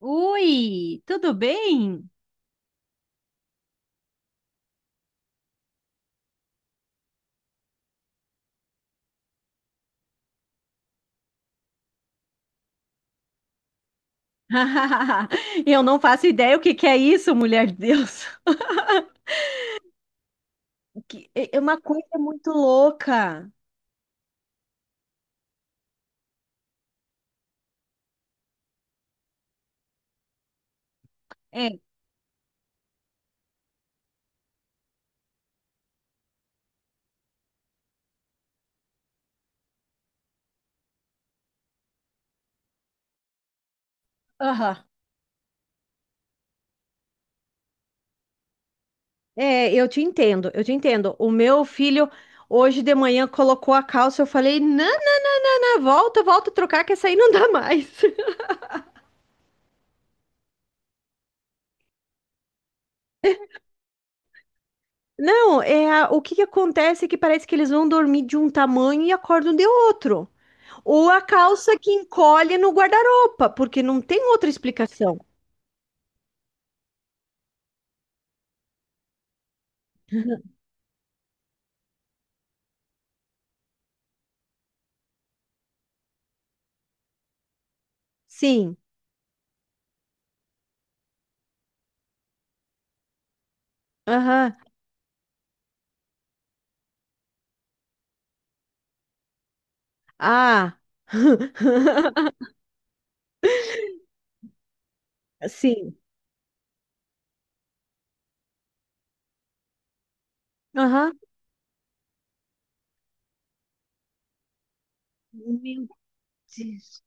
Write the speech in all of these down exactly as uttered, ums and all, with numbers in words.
Oi, tudo bem? Eu não faço ideia o que que é isso, mulher de Deus. Que- É é uma coisa muito louca. É, aham. É, eu te entendo, eu te entendo. O meu filho hoje de manhã colocou a calça, eu falei, não, não, não, não, não, volta, volta a trocar, que essa aí não dá mais. Não, é a- o que que acontece é que parece que eles vão dormir de um tamanho e acordam de outro. Ou a calça que encolhe no guarda-roupa, porque não tem outra explicação. Sim. Aham. Ah. Sim. Aham. Meu Deus.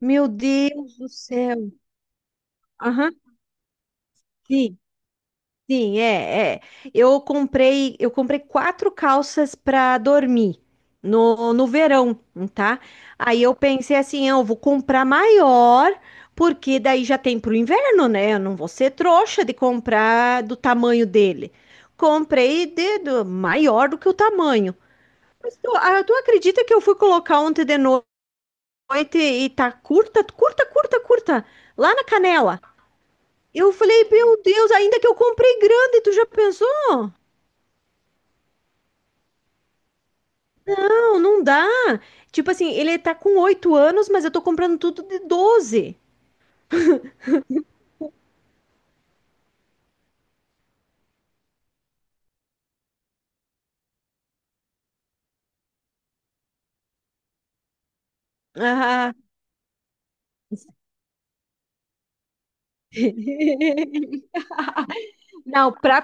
Meu Deus do céu. Aham. Sim. Sim, é, é. Eu comprei, eu comprei quatro calças para dormir no, no verão, tá? Aí eu pensei assim: "Ah, eu vou comprar maior, porque daí já tem pro inverno, né? Eu não vou ser trouxa de comprar do tamanho dele. Comprei de, do- maior do que o tamanho." Mas tu, ah, tu acredita que eu fui colocar ontem de noite e tá curta, curta, curta, curta, lá na canela? Eu falei, meu Deus, ainda que eu comprei grande, tu já pensou? Não, não dá. Tipo assim, ele tá com oito anos, mas eu tô comprando tudo de doze. Ah, não, pra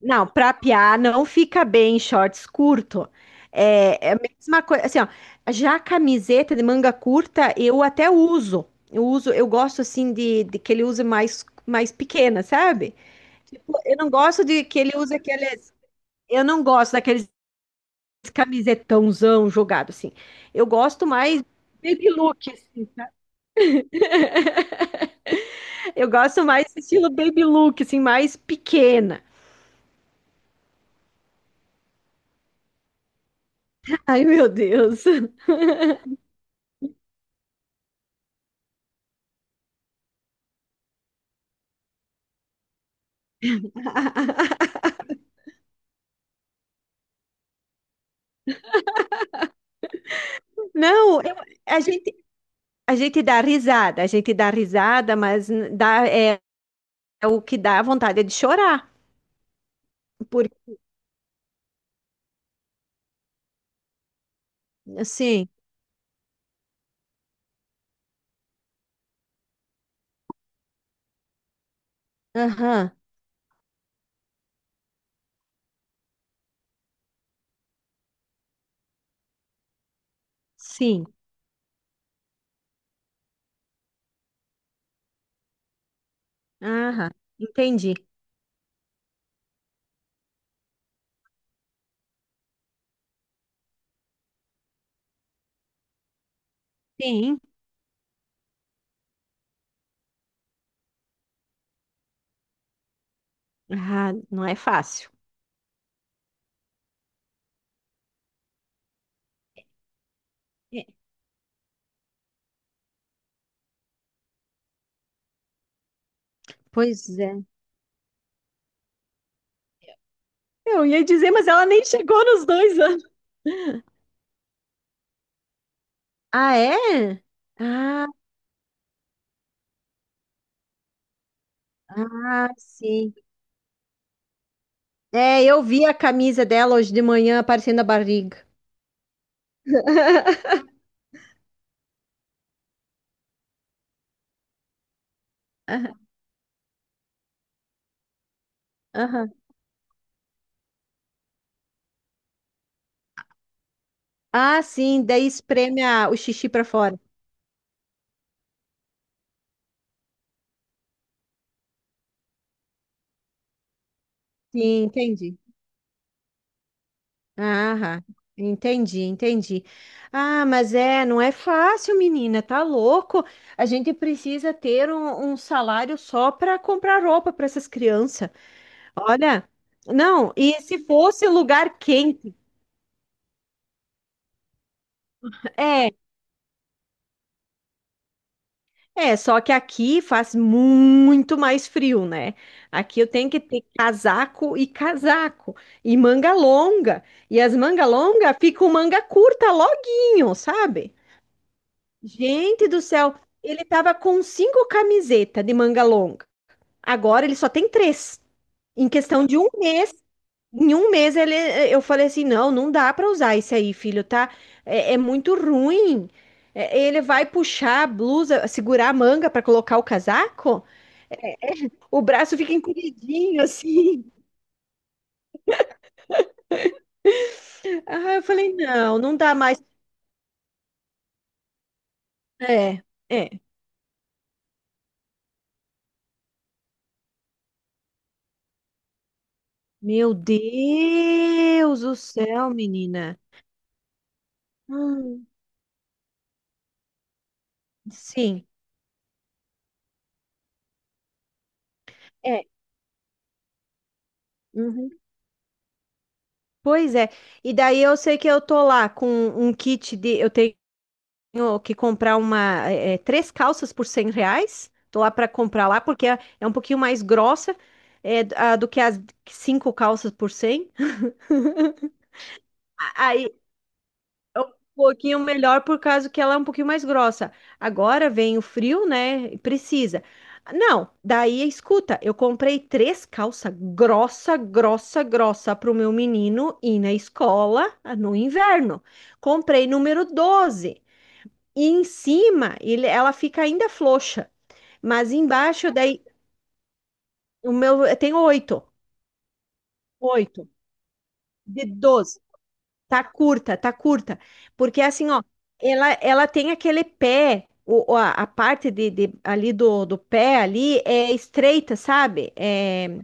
Não, pra piar não fica bem em shorts curto. É, é a mesma coisa, assim, ó, já a camiseta de manga curta eu até uso. Eu uso, eu gosto assim de, de que ele use mais mais pequena, sabe? Tipo, eu não gosto de que ele use aqueles, eu não gosto daqueles camisetãozão jogado assim. Eu gosto mais baby look, assim. Eu gosto mais estilo baby look, assim, mais pequena. Ai, meu Deus. Não, eu- a gente A gente dá risada, a gente dá risada, mas n- dá, é, é o que dá vontade é de chorar. Porque, assim, aham, sim, aham, entendi. Sim, ah, não é fácil. É, pois é. Eu ia dizer, mas ela nem chegou nos dois anos. Ah, é? Ah, ah, sim. É, eu vi a camisa dela hoje de manhã aparecendo a barriga. Aham. Aham. Ah, sim, daí espreme a- o xixi pra fora. Sim, entendi. Ah, entendi, entendi. Ah, mas é, não é fácil, menina, tá louco? A gente precisa ter um, um salário só para comprar roupa para essas crianças. Olha, não, e se fosse lugar quente? É, é, só que aqui faz muito mais frio, né? Aqui eu tenho que ter casaco e casaco, e manga longa. E as manga longa ficam manga curta loguinho, sabe? Gente do céu, ele tava com cinco camisetas de manga longa. Agora ele só tem três. Em questão de um mês, em um mês ele, eu falei assim, não, não dá pra usar isso aí, filho, tá? É, é muito ruim. É, ele vai puxar a blusa, segurar a manga pra colocar o casaco. É, é, o braço fica encolhidinho assim. Ah, eu falei, não, não dá mais. É, é. Meu Deus do céu, menina. Hum, sim. É. Uhum. Pois é. E daí eu sei que eu tô lá com um kit de. Eu tenho que comprar uma, eh, eh, três calças por cem reais. Tô lá para comprar lá, porque é é um pouquinho mais grossa, eh, a- do que as cinco calças por cem. Aí, é um pouquinho melhor por causa que ela é um pouquinho mais grossa. Agora vem o frio, né? E precisa. Não, daí é escuta, eu comprei três calças grossa, grossa, grossa para o meu menino ir na escola, ah, no inverno. Comprei número doze. E em cima, ele, ela fica ainda frouxa, mas embaixo daí o meu tem oito, oito de doze. Tá curta, tá curta. Porque assim, ó, ela, ela tem aquele pé, o, o- a, a parte de, de- ali do, do pé ali é estreita, sabe? É,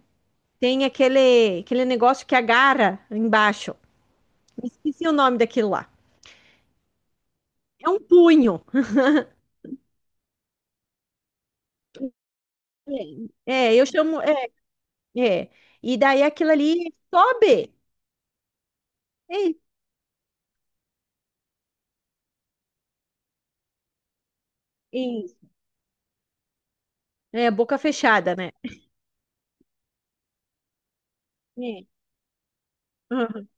tem aquele, aquele negócio que agarra embaixo. Esqueci o nome daquilo lá. É um punho. É, é, eu chamo. É, é. E daí aquilo ali sobe. É, isso. É, boca fechada, né? É. Aham.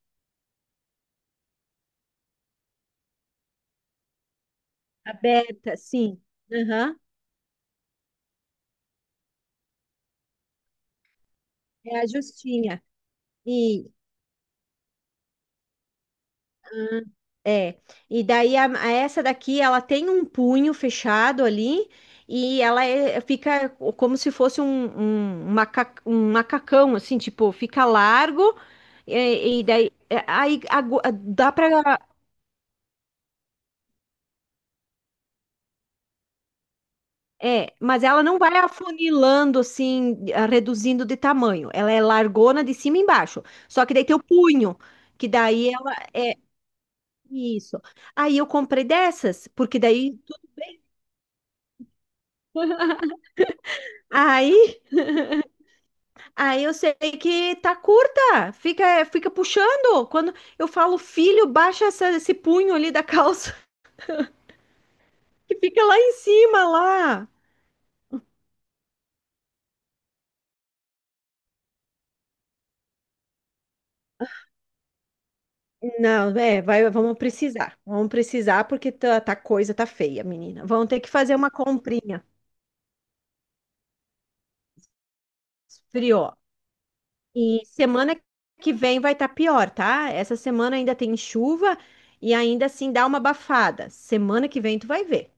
Aberta, sim. Aham. É a justinha. Ah, é, e daí a- a essa daqui ela tem um punho fechado ali e ela é- fica como se fosse um, um, um maca- um macacão, assim, tipo, fica largo e, e daí é, aí agu- dá para. É, mas ela não vai afunilando assim, a- reduzindo de tamanho. Ela é largona de cima e embaixo. Só que daí tem o punho, que daí ela é isso. Aí eu comprei dessas, porque daí. Aí Aí eu sei que tá curta, fica, fica puxando. Quando eu falo, filho, baixa essa- esse punho ali da calça que fica lá em cima, lá. Não, é, vai, vamos precisar. Vamos precisar porque tá, tá coisa tá feia, menina. Vamos ter que fazer uma comprinha. Esfriou. E semana que vem vai estar pior, tá? Essa semana ainda tem chuva e ainda assim dá uma abafada. Semana que vem tu vai ver.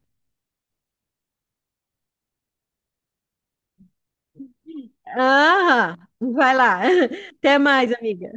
Ah, vai lá. Até mais, amiga.